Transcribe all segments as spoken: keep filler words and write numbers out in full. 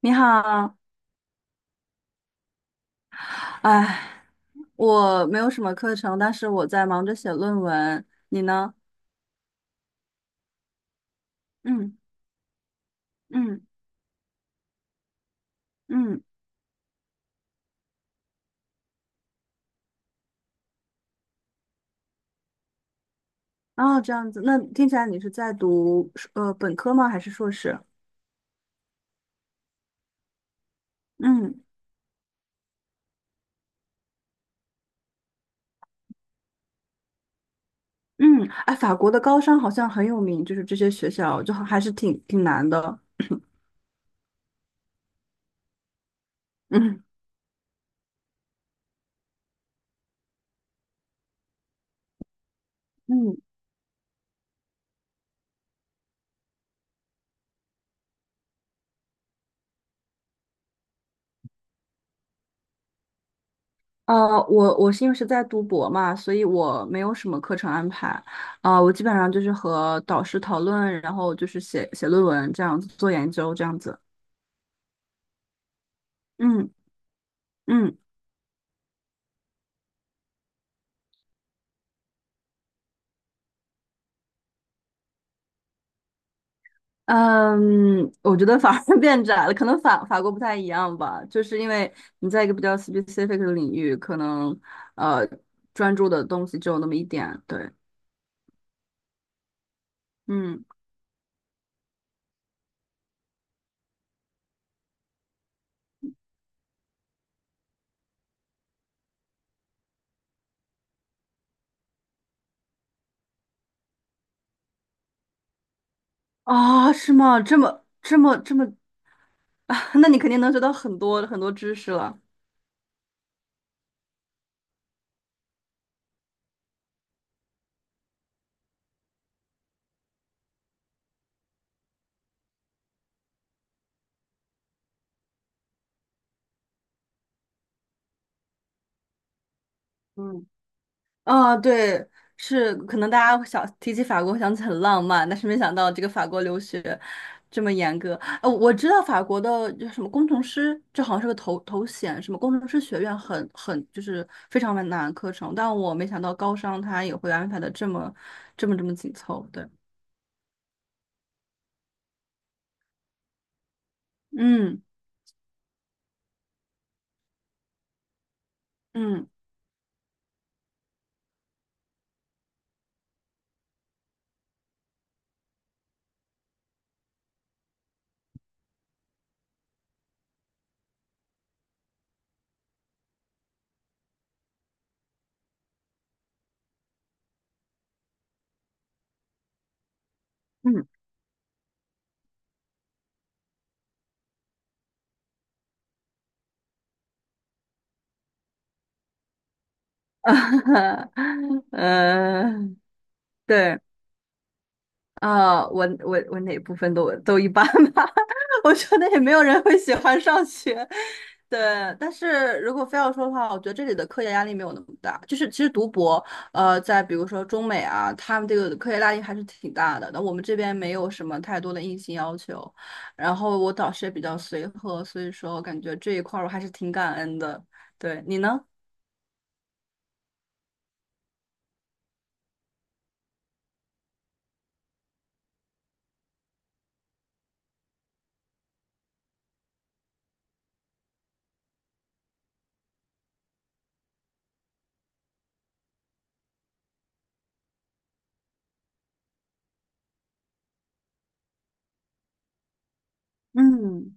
你好。哎，我没有什么课程，但是我在忙着写论文。你呢？嗯嗯嗯，哦，这样子，那听起来你是在读呃本科吗？还是硕士？嗯嗯。哎，法国的高商好像很有名，就是这些学校就还是挺挺难的。嗯嗯。呃，我我是因为是在读博嘛，所以我没有什么课程安排。啊、我基本上就是和导师讨论，然后就是写写论文这样子，做研究这样子。嗯嗯嗯。我觉得反而 变窄了，可能法法国不太一样吧，就是因为你在一个比较 specific 的领域，可能呃专注的东西只有那么一点。对。嗯。啊，是吗？这么这么这么，那你肯定能学到很多很多知识了。嗯。啊，对。是可能大家会想提起法国会想起很浪漫，但是没想到这个法国留学这么严格。呃，我知道法国的就什么工程师，这好像是个头头衔，什么工程师学院很很就是非常难的课程，但我没想到高商它也会安排的这么这么这么紧凑。对。嗯嗯嗯。呃，对。啊，我我我哪部分都都一般吧。我觉得也没有人会喜欢上学。对。但是如果非要说的话，我觉得这里的科研压力没有那么大。就是其实读博，呃，在比如说中美啊，他们这个科研压力还是挺大的。那我们这边没有什么太多的硬性要求，然后我导师也比较随和，所以说我感觉这一块儿我还是挺感恩的。对，你呢？嗯。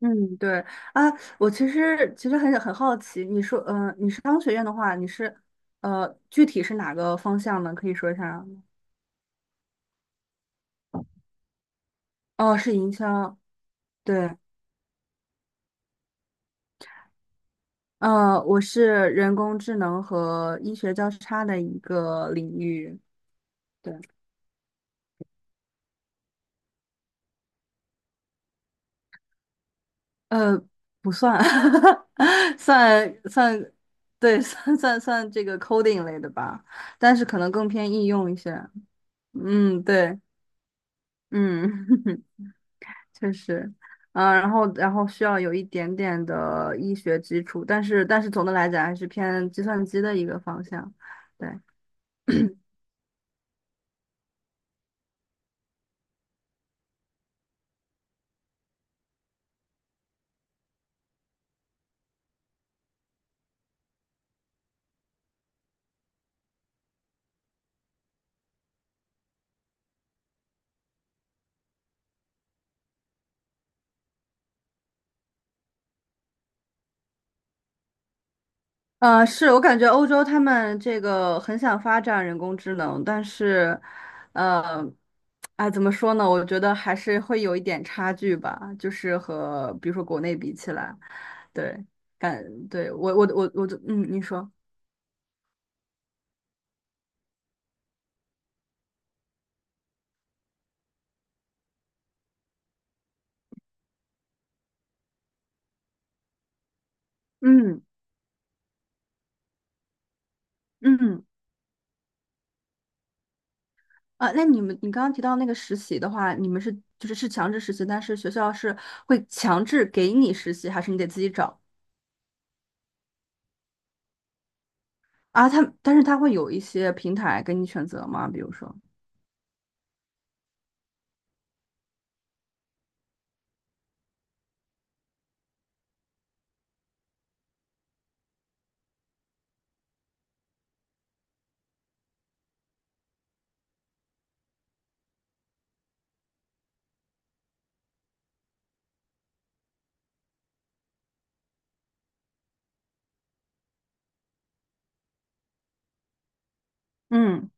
嗯。对。啊，我其实其实很很好奇。你说，呃，你商学院的话，你是，呃，具体是哪个方向呢？可以说一下吗？哦，是营销。对。呃，我是人工智能和医学交叉的一个领域。对。呃，不算。算算，对，算算算这个 coding 类的吧，但是可能更偏应用一些。嗯，对。嗯。确实。嗯、然后然后需要有一点点的医学基础，但是但是总的来讲还是偏计算机的一个方向。对。呃，是我感觉欧洲他们这个很想发展人工智能，但是，呃，哎，怎么说呢？我觉得还是会有一点差距吧，就是和比如说国内比起来。对。感，对，我我我我就嗯，你说。嗯嗯。啊，那你们，你刚刚提到那个实习的话，你们是就是是强制实习，但是学校是会强制给你实习，还是你得自己找？啊？他，但是他会有一些平台给你选择吗？比如说。嗯。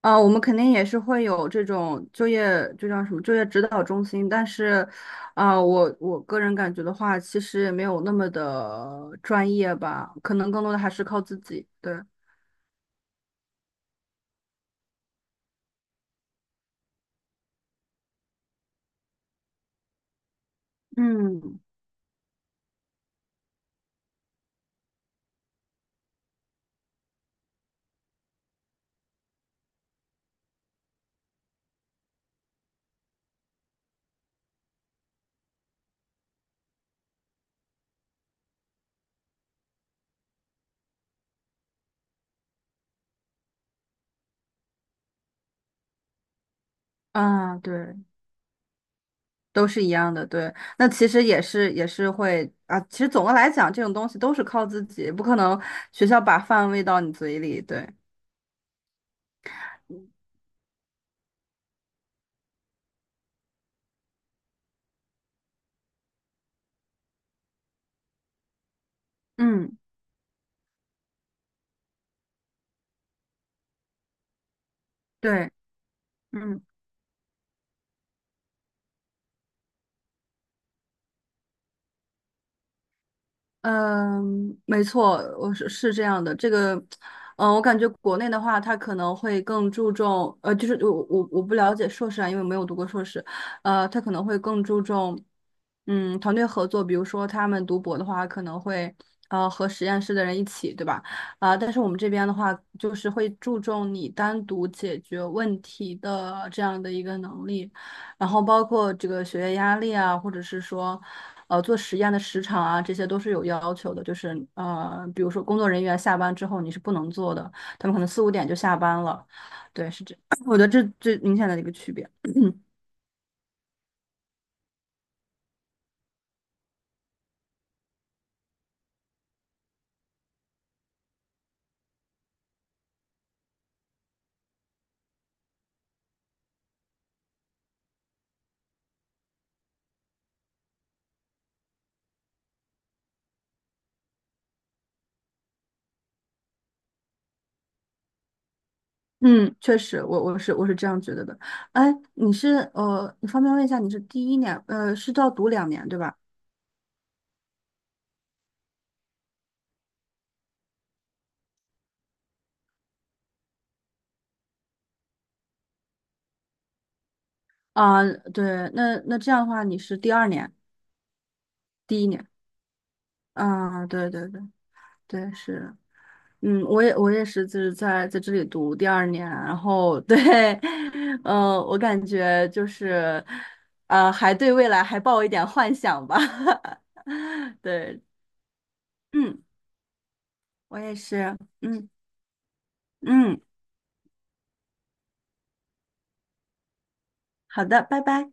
啊，我们肯定也是会有这种就业，就叫什么就业指导中心，但是，啊，我我个人感觉的话，其实也没有那么的专业吧，可能更多的还是靠自己。对。嗯。啊，对。都是一样的，对。那其实也是也是会啊。其实总的来讲，这种东西都是靠自己，不可能学校把饭喂到你嘴里。对。嗯。对。嗯。嗯，没错，我是是这样的。这个，嗯，我感觉国内的话，它可能会更注重，呃，就是我我我不了解硕士啊，因为没有读过硕士。呃，它可能会更注重，嗯，团队合作。比如说他们读博的话，可能会呃和实验室的人一起，对吧？啊、但是我们这边的话，就是会注重你单独解决问题的这样的一个能力，然后包括这个学业压力啊，或者是说，呃做实验的时长啊，这些都是有要求的。就是呃，比如说工作人员下班之后你是不能做的，他们可能四五点就下班了。对，是这，我觉得这最明显的一个区别。嗯，确实，我我是我是这样觉得的。哎，你是呃，你方便问一下，你是第一年呃是要读两年对吧？啊，对。那那这样的话，你是第二年，第一年。啊，对对对。对，是嗯。我也我也是，就是在在这里读第二年，然后对。嗯，我感觉就是，呃，还对未来还抱一点幻想吧。对。嗯，我也是。嗯嗯。好的，拜拜。